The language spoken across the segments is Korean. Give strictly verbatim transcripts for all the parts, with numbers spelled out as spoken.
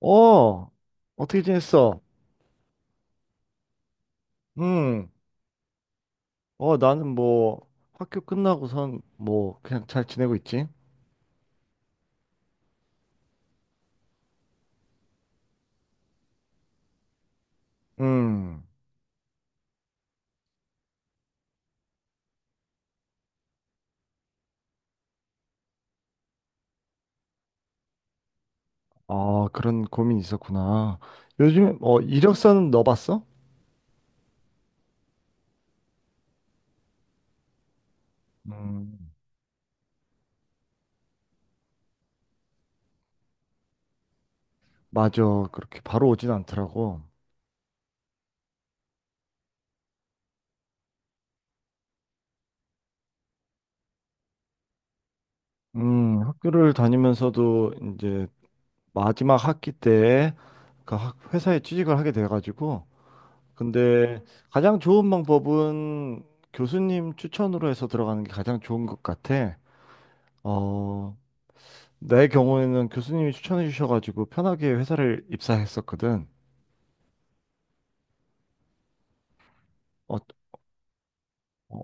어, 어떻게 지냈어? 음, 어, 나는 뭐, 학교 끝나고선 뭐, 그냥 잘 지내고 있지? 음. 아, 그런 고민이 있었구나. 요즘에, 어, 이력서는 넣어봤어? 음, 맞아. 그렇게 바로 오진 않더라고. 음, 학교를 다니면서도 이제 마지막 학기 때 그 학- 회사에 취직을 하게 돼가지고. 근데 가장 좋은 방법은 교수님 추천으로 해서 들어가는 게 가장 좋은 것 같아. 어, 내 경우에는 교수님이 추천해 주셔가지고 편하게 회사를 입사했었거든. 어, 어,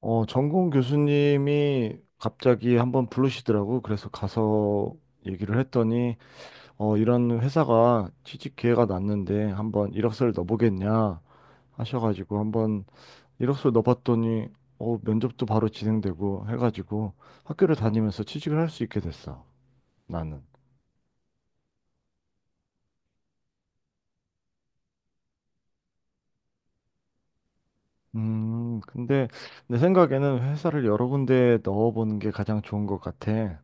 어, 전공 교수님이 갑자기 한번 부르시더라고. 그래서 가서 얘기를 했더니, 어, 이런 회사가 취직 기회가 났는데 한번 이력서를 넣어보겠냐 하셔가지고 한번 이력서 넣어봤더니, 어, 면접도 바로 진행되고 해가지고 학교를 다니면서 취직을 할 수 있게 됐어. 나는. 음, 근데 내 생각에는 회사를 여러 군데 넣어보는 게 가장 좋은 것 같아.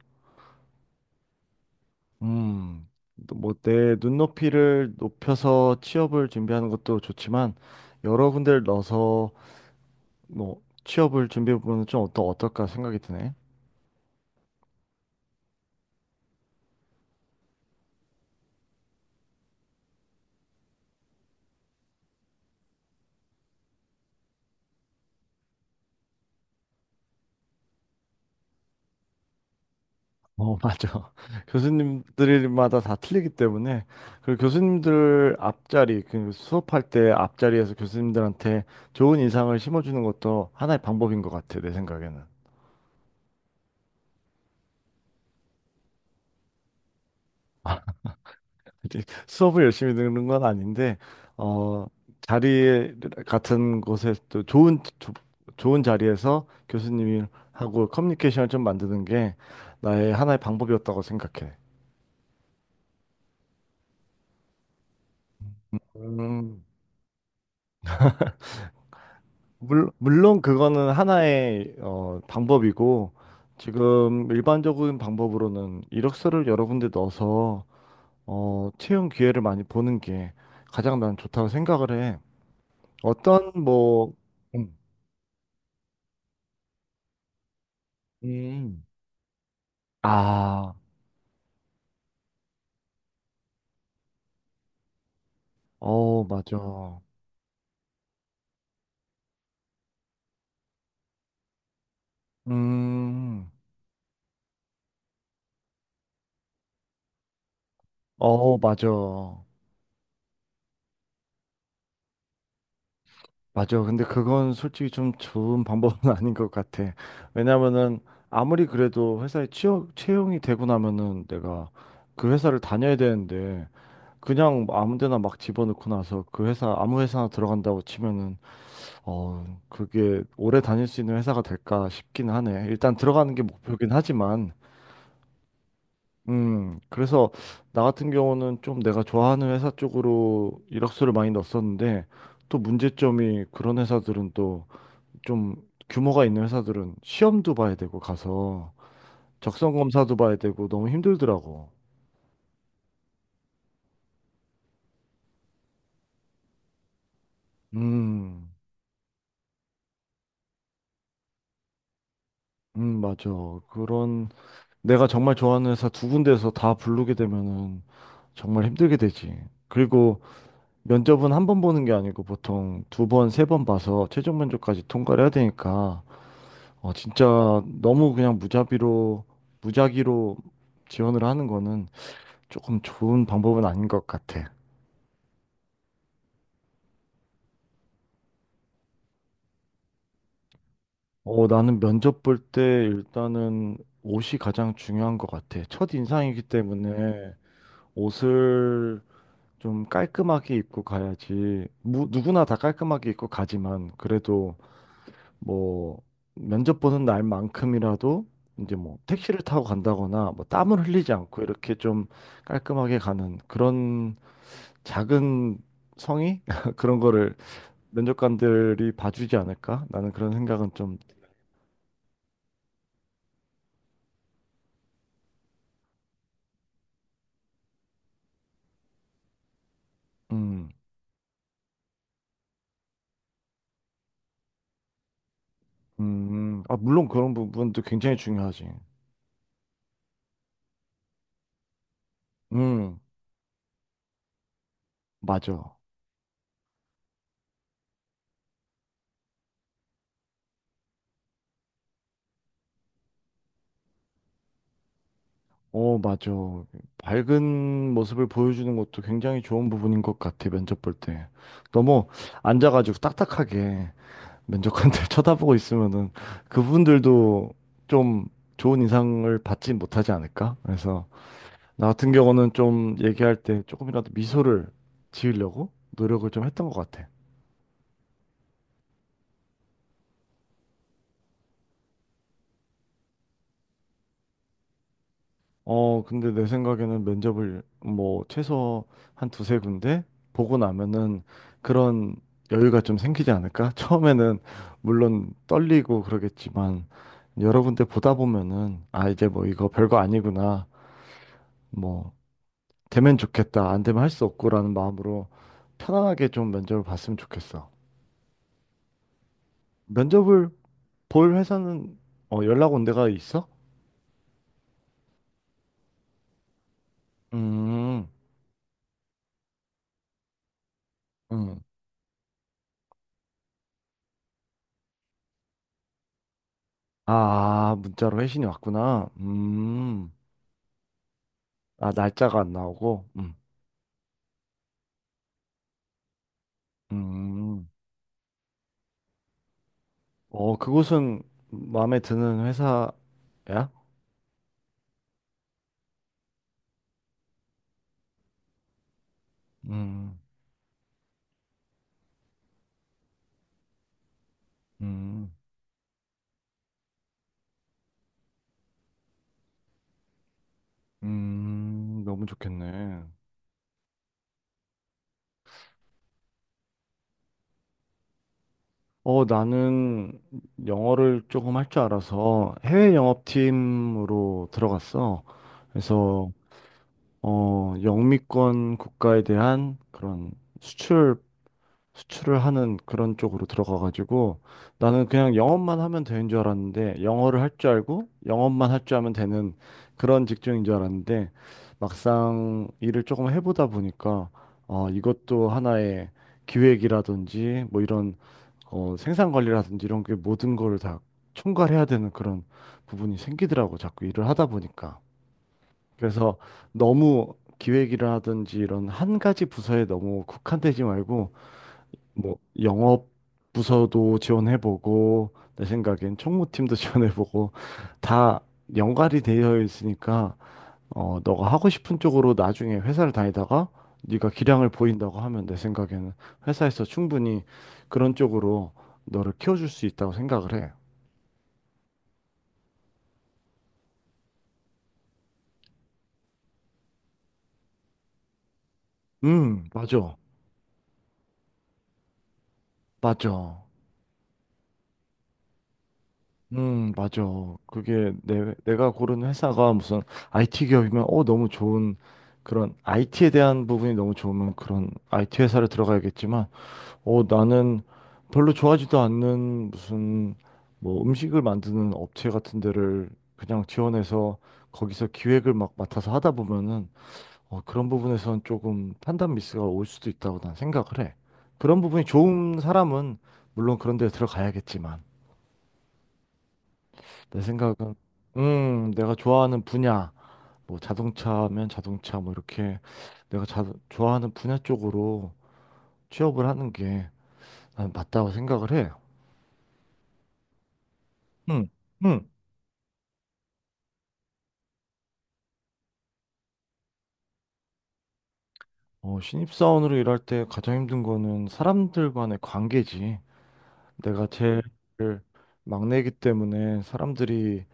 음, 뭐 내 눈높이를 높여서 취업을 준비하는 것도 좋지만 여러 군데를 넣어서 뭐 취업을 준비해보면 좀 어떠, 어떨까 생각이 드네. 어, 맞아. 교수님들마다 다 틀리기 때문에 그리고 교수님들 앞자리, 그 수업할 때 앞자리에서 교수님들한테 좋은 인상을 심어주는 것도 하나의 방법인 것 같아, 내 생각에는. 이제 수업을 열심히 듣는 건 아닌데 어 자리 같은 곳에 또 좋은 조- 좋은 자리에서 교수님이 하고 커뮤니케이션을 좀 만드는 게 나의 하나의 방법이었다고 생각해. 음, 물, 물론 그거는 하나의 어, 방법이고 지금 일반적인 방법으로는 이력서를 여러 군데 넣어서 어, 채용 기회를 많이 보는 게 가장 난 좋다고 생각을 해. 어떤 뭐. 음. 음. 아, 어, 맞아. 음, 어, 맞아. 맞아. 근데 그건 솔직히 좀 좋은 방법은 아닌 것 같아. 왜냐면은 아무리 그래도 회사에 취업, 채용이 되고 나면은 내가 그 회사를 다녀야 되는데 그냥 뭐 아무 데나 막 집어넣고 나서 그 회사, 아무 회사나 들어간다고 치면은 어, 그게 오래 다닐 수 있는 회사가 될까 싶긴 하네. 일단 들어가는 게 목표긴 하지만 음, 그래서 나 같은 경우는 좀 내가 좋아하는 회사 쪽으로 이력서를 많이 넣었었는데 또 문제점이 그런 회사들은 또 좀 규모가 있는 회사들은 시험도 봐야 되고 가서 적성 검사도 봐야 되고 너무 힘들더라고. 음, 음, 맞아. 그런. 내가 정말 좋아하는 회사 두 군데에서 다 부르게 되면은 정말 힘들게 되지. 그리고 면접은 한 번 보는 게 아니고 보통 두 번, 세 번 봐서 최종 면접까지 통과를 해야 되니까 어, 진짜 너무 그냥 무자비로, 무작위로 지원을 하는 거는 조금 좋은 방법은 아닌 것 같아. 어, 나는 면접 볼 때 일단은 옷이 가장 중요한 것 같아. 첫 인상이기 때문에 옷을 좀 깔끔하게 입고 가야지. 무, 누구나 다 깔끔하게 입고 가지만 그래도 뭐 면접 보는 날만큼이라도 이제 뭐 택시를 타고 간다거나 뭐 땀을 흘리지 않고 이렇게 좀 깔끔하게 가는 그런 작은 성의 그런 거를 면접관들이 봐주지 않을까? 나는 그런 생각은 좀. 음. 음. 아, 물론 그런 부분도 굉장히 중요하지. 음, 맞아. 어, 맞아. 밝은 모습을 보여주는 것도 굉장히 좋은 부분인 것 같아, 면접 볼 때. 너무 앉아가지고 딱딱하게 면접관들 쳐다보고 있으면은 그분들도 좀 좋은 인상을 받지 못하지 않을까? 그래서 나 같은 경우는 좀 얘기할 때 조금이라도 미소를 지으려고 노력을 좀 했던 것 같아. 어, 근데 내 생각에는 면접을 뭐 최소 한 두세 군데 보고 나면은 그런 여유가 좀 생기지 않을까? 처음에는 물론 떨리고 그러겠지만 여러 군데 보다 보면은 아, 이제 뭐 이거 별거 아니구나. 뭐 되면 좋겠다. 안 되면 할 수 없고라는 마음으로 편안하게 좀 면접을 봤으면 좋겠어. 면접을 볼 회사는 어, 연락 온 데가 있어? 음. 음. 아, 문자로 회신이 왔구나. 음, 아, 날짜가 안 나오고. 음. 음. 어, 그곳은 마음에 드는 회사야? 음, 음, 음, 너무 좋겠네. 어, 나는 영어를 조금 할 줄 알아서 해외 영업팀으로 들어갔어. 그래서, 어, 영미권 국가에 대한 그런 수출 수출을 하는 그런 쪽으로 들어가가지고 나는 그냥 영업만 하면 되는 줄 알았는데 영어를 할 줄 알고 영업만 할 줄 알면 되는 그런 직종인 줄 알았는데 막상 일을 조금 해보다 보니까 어, 이것도 하나의 기획이라든지 뭐 이런 어, 생산 관리라든지 이런 게 모든 거를 다 총괄해야 되는 그런 부분이 생기더라고 자꾸 일을 하다 보니까 그래서 너무 기획이라든지 이런 한 가지 부서에 너무 국한되지 말고 뭐 영업 부서도 지원해보고 내 생각엔 총무팀도 지원해보고 다 연관이 되어 있으니까 어 너가 하고 싶은 쪽으로 나중에 회사를 다니다가 네가 기량을 보인다고 하면 내 생각에는 회사에서 충분히 그런 쪽으로 너를 키워줄 수 있다고 생각을 해. 음, 맞아, 맞아. 음, 맞아. 그게 내, 내가 고른 회사가 무슨 아이티 기업이면 어, 너무 좋은 그런 아이티에 대한 부분이 너무 좋으면 그런 아이티 회사를 들어가야겠지만 어, 나는 별로 좋아하지도 않는 무슨 뭐 음식을 만드는 업체 같은 데를 그냥 지원해서 거기서 기획을 막 맡아서 하다 보면은 어, 그런 부분에선 조금 판단 미스가 올 수도 있다고 난 생각을 해. 그런 부분이 좋은 사람은 물론 그런 데 들어가야겠지만 내 생각은 음 내가 좋아하는 분야 뭐 자동차면 자동차 뭐 이렇게 내가 자, 좋아하는 분야 쪽으로 취업을 하는 게 난 맞다고 생각을 해. 응. 응. 어, 신입사원으로 일할 때 가장 힘든 거는 사람들 간의 관계지. 내가 제일 막내이기 때문에 사람들이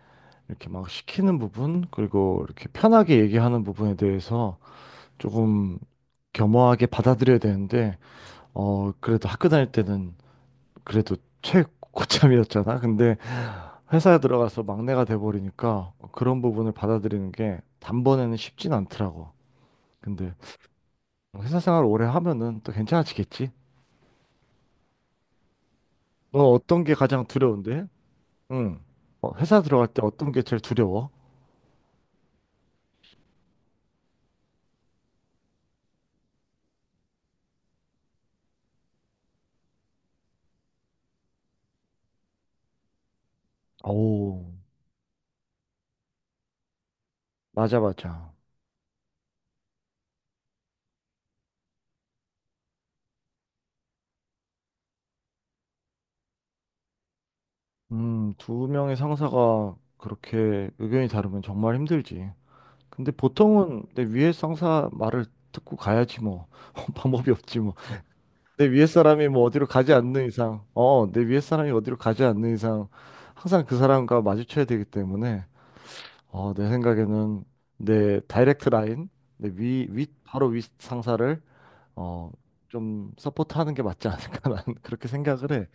이렇게 막 시키는 부분, 그리고 이렇게 편하게 얘기하는 부분에 대해서 조금 겸허하게 받아들여야 되는데, 어, 그래도 학교 다닐 때는 그래도 최고참이었잖아. 근데 회사에 들어가서 막내가 돼버리니까 그런 부분을 받아들이는 게 단번에는 쉽진 않더라고. 근데 회사 생활 오래 하면은 또 괜찮아지겠지. 너 어떤 게 가장 두려운데? 응. 어, 회사 들어갈 때 어떤 게 제일 두려워? 오, 맞아, 맞아. 음, 두 명의 상사가 그렇게 의견이 다르면 정말 힘들지. 근데 보통은 내 위에 상사 말을 듣고 가야지 뭐. 방법이 없지 뭐. 내 위에 사람이 뭐 어디로 가지 않는 이상, 어, 내 위에 사람이 어디로 가지 않는 이상 항상 그 사람과 마주쳐야 되기 때문에 어, 내 생각에는 내 다이렉트 라인, 내 위, 위, 바로 위 상사를 어, 좀 서포트하는 게 맞지 않을까 나는 그렇게 생각을 해.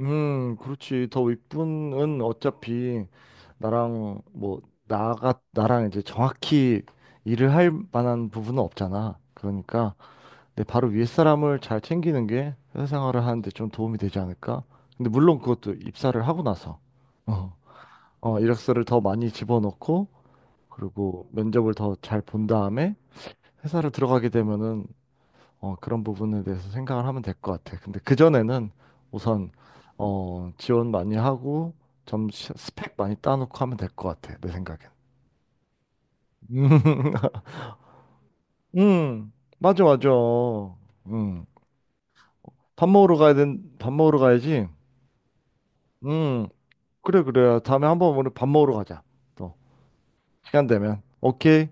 음, 그렇지. 더 윗분은 어차피 나랑 뭐 나가 나랑 이제 정확히 일을 할 만한 부분은 없잖아. 그러니까 네, 바로 위에 사람을 잘 챙기는 게 회사 생활을 하는데 좀 도움이 되지 않을까? 근데 물론 그것도 입사를 하고 나서 어, 어, 이력서를 더 많이 집어넣고 그리고 면접을 더 잘 본 다음에 회사를 들어가게 되면은 어, 그런 부분에 대해서 생각을 하면 될 것 같아. 근데 그전에는 우선 어, 지원 많이 하고 좀 시- 스펙 많이 따놓고 하면 될 것 같아. 내 생각엔. 음, 맞아, 맞아. 음, 밥 먹으러 가야 된, 밥 먹으러 가야지. 음. 그래, 그래. 다음에 한번 오늘 밥 먹으러 가자. 또, 시간 되면. 오케이.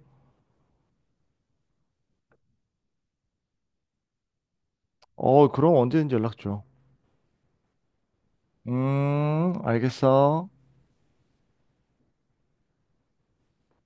어, 그럼 언제든지 연락 줘. 음, 알겠어.